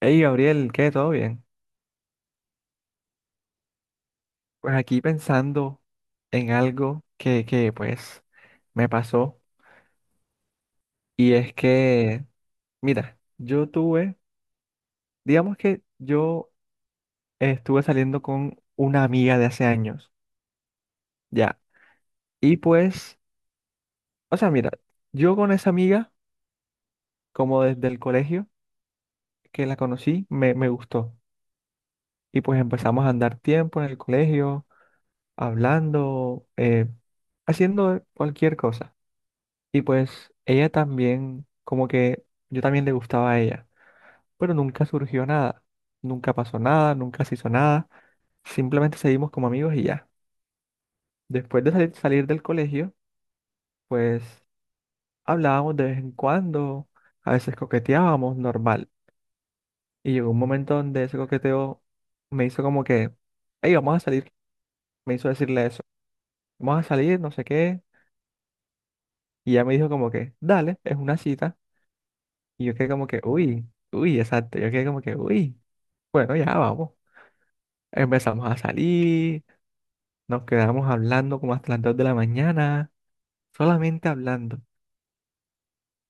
Hey Gabriel, ¿qué? ¿Todo bien? Pues aquí pensando en algo que pues me pasó. Y es que, mira, yo tuve, digamos que yo estuve saliendo con una amiga de hace años, ya. Y pues, o sea, mira, yo con esa amiga, como desde el colegio que la conocí, me gustó y pues empezamos a andar tiempo en el colegio, hablando, haciendo cualquier cosa. Y pues ella también, como que yo también le gustaba a ella, pero nunca surgió nada, nunca pasó nada, nunca se hizo nada, simplemente seguimos como amigos y ya. Después de salir del colegio, pues hablábamos de vez en cuando, a veces coqueteábamos normal. Y llegó un momento donde ese coqueteo me hizo como que, hey, vamos a salir, me hizo decirle eso, vamos a salir, no sé qué, y ella me dijo como que, dale, es una cita, y yo quedé como que, uy, uy, exacto, yo quedé como que, uy, bueno, ya vamos. Empezamos a salir, nos quedamos hablando como hasta las 2 de la mañana, solamente hablando.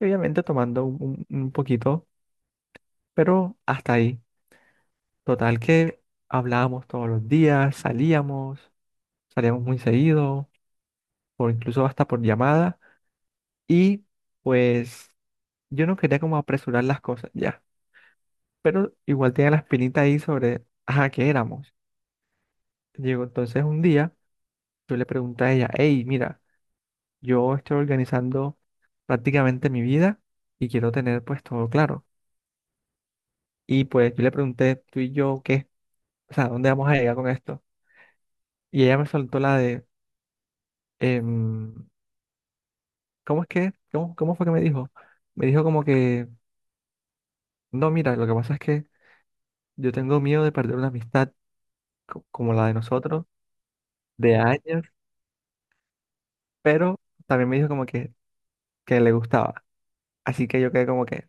Y obviamente tomando un poquito, pero hasta ahí. Total que hablábamos todos los días, salíamos, salíamos muy seguido, o incluso hasta por llamada. Y pues yo no quería como apresurar las cosas ya, pero igual tenía la espinita ahí sobre, ajá, ¿qué éramos? Llegó entonces un día, yo le pregunté a ella, hey, mira, yo estoy organizando prácticamente mi vida y quiero tener pues todo claro. Y pues yo le pregunté, tú y yo, ¿qué? O sea, ¿dónde vamos a llegar con esto? Y ella me soltó la de, em, ¿cómo es que? ¿Cómo fue que me dijo? Me dijo como que, no, mira, lo que pasa es que yo tengo miedo de perder una amistad como la de nosotros, de años, pero también me dijo como que le gustaba. Así que yo quedé como que,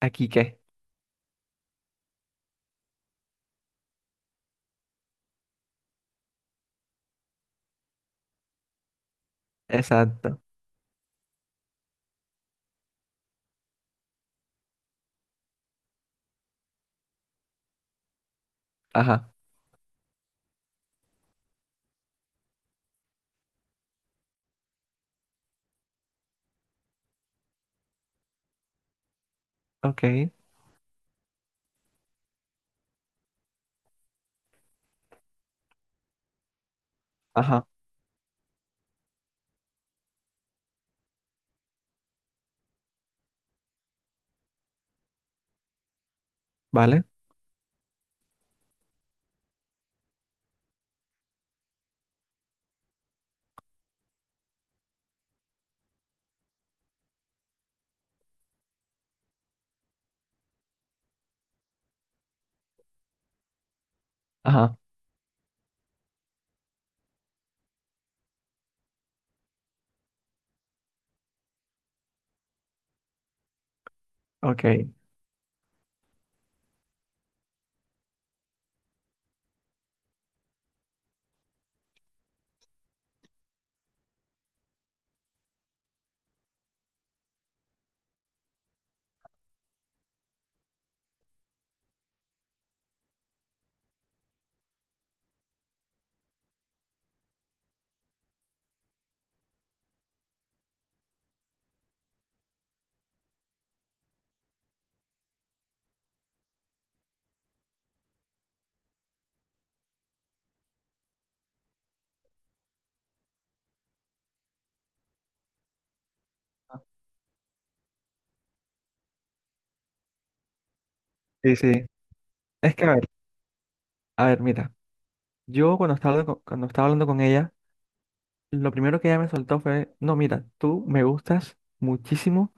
¿aquí qué? Exacto. Ajá. Ok. Ajá. ¿Vale? Ajá. Ok. Sí, sí. Es que a ver, mira. Yo cuando estaba, cuando estaba hablando con ella, lo primero que ella me soltó fue, no, mira, tú me gustas muchísimo,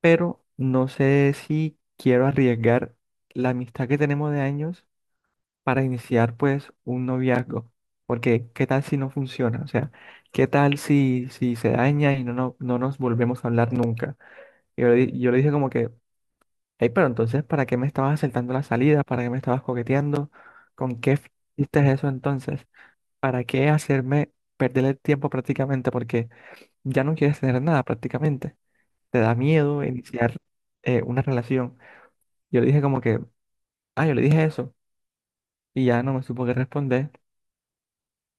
pero no sé si quiero arriesgar la amistad que tenemos de años para iniciar pues un noviazgo, porque ¿qué tal si no funciona? O sea, ¿qué tal si, si se daña y no nos volvemos a hablar nunca? Y yo, yo le dije como que, hey, pero entonces, ¿para qué me estabas aceptando la salida? ¿Para qué me estabas coqueteando? ¿Con qué hiciste eso entonces? ¿Para qué hacerme perder el tiempo prácticamente? Porque ya no quieres tener nada prácticamente. Te da miedo iniciar una relación. Yo le dije como que, ah, yo le dije eso. Y ya no me supo qué responder.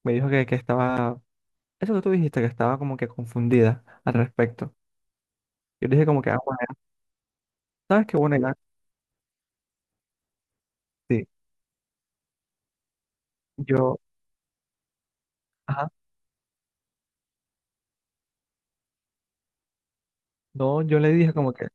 Me dijo que estaba, eso que tú dijiste, que estaba como que confundida al respecto. Yo le dije como que, ah, bueno, ¿sabes qué bueno era? Sí. Yo, ajá. No, yo le dije como que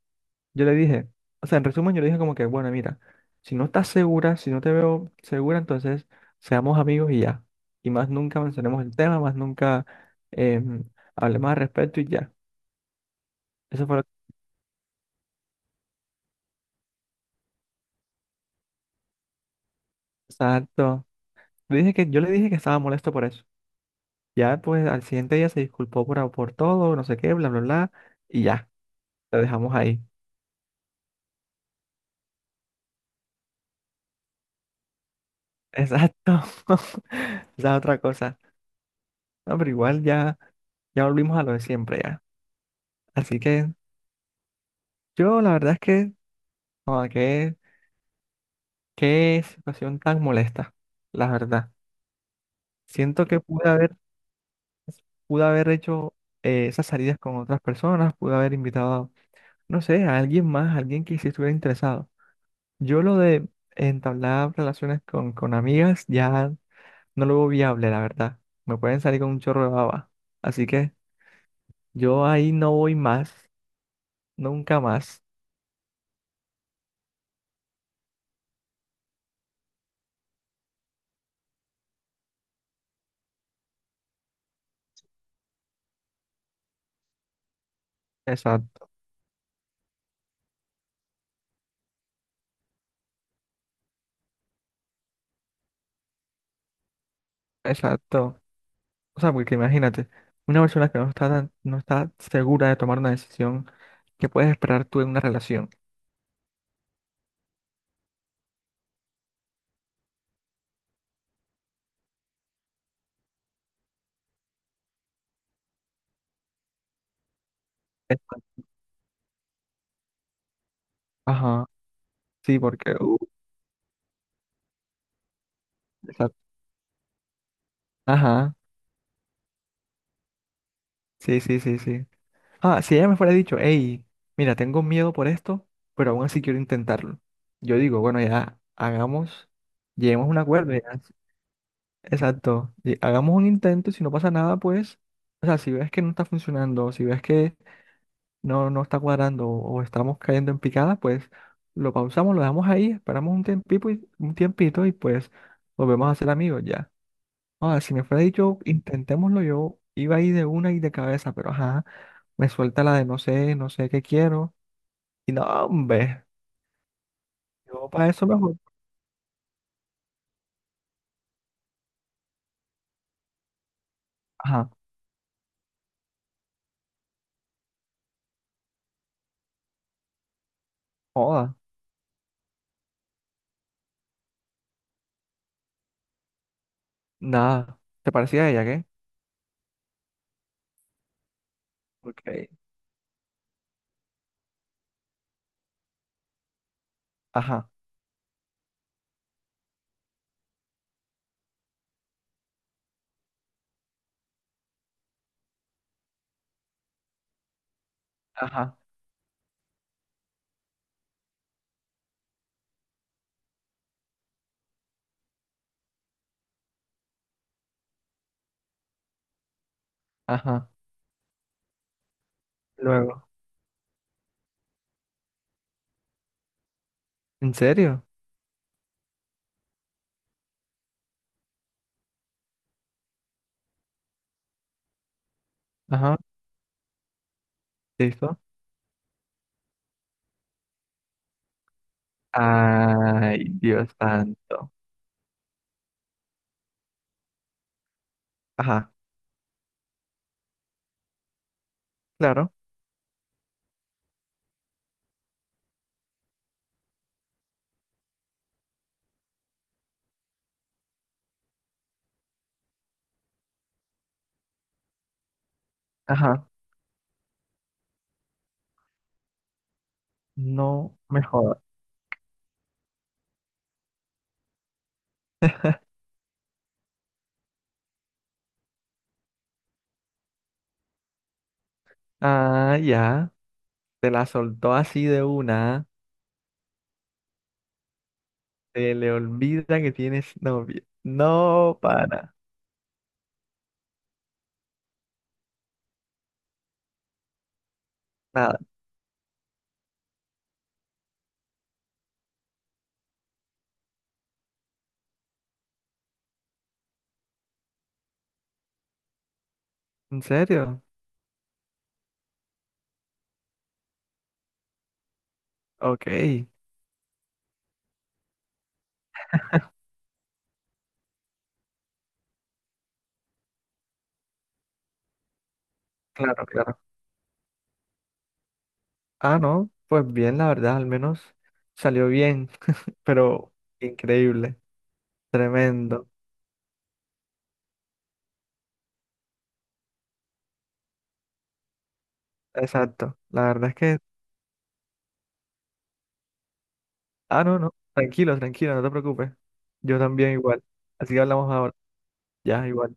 yo le dije, o sea, en resumen, yo le dije como que, bueno, mira, si no estás segura, si no te veo segura, entonces seamos amigos y ya. Y más nunca mencionemos el tema, más nunca em, hablemos al respecto y ya. Eso fue lo que... Exacto. Le dije yo le dije que estaba molesto por eso. Ya, pues, al siguiente día se disculpó por todo, no sé qué, bla, bla, bla, y ya, lo dejamos ahí. Exacto. Esa es otra cosa. No, pero igual ya, ya volvimos a lo de siempre, ya. Así que yo, la verdad es que, como que qué situación tan molesta, la verdad. Siento que pude haber hecho esas salidas con otras personas, pude haber invitado, no sé, a alguien más, a alguien que sí estuviera interesado. Yo lo de entablar relaciones con amigas ya no lo veo viable, la verdad. Me pueden salir con un chorro de baba. Así que yo ahí no voy más, nunca más. Exacto, exacto. O sea, porque imagínate, una persona que no está segura de tomar una decisión, ¿qué puedes esperar tú en una relación? Exacto. Ajá, sí, porque... exacto. Ajá, sí, sí, sí, sí. Ah, si ella me fuera dicho, hey, mira, tengo miedo por esto, pero aún así quiero intentarlo. Yo digo, bueno, ya hagamos, lleguemos a un acuerdo, ya. Exacto, y hagamos un intento y si no pasa nada, pues, o sea, si ves que no está funcionando, si ves que no está cuadrando o estamos cayendo en picada, pues lo pausamos, lo dejamos ahí, esperamos un tiempito un tiempito y pues volvemos a ser amigos, ya. Ah, si me fuera dicho, intentémoslo, yo iba ahí de una y de cabeza, pero ajá, me suelta la de no sé, no sé qué quiero. Y no, hombre, yo para eso mejor. Ajá, joda, nada. ¿Te parecía a ella, qué? Ok. Ajá, ajá, ajá. Luego, ¿en serio? Ajá, listo. Ay, Dios santo. Ajá, claro, ajá, no me jodas. Ah, ya, te la soltó así de una. Se le olvida que tienes novia. No, para nada. ¿En serio? Ok, claro, claro. Ah, no, pues bien, la verdad, al menos salió bien, pero increíble, tremendo, exacto. La verdad es que, ah, no, no, tranquilo, tranquilo, no te preocupes. Yo también igual. Así que hablamos ahora. Ya, igual.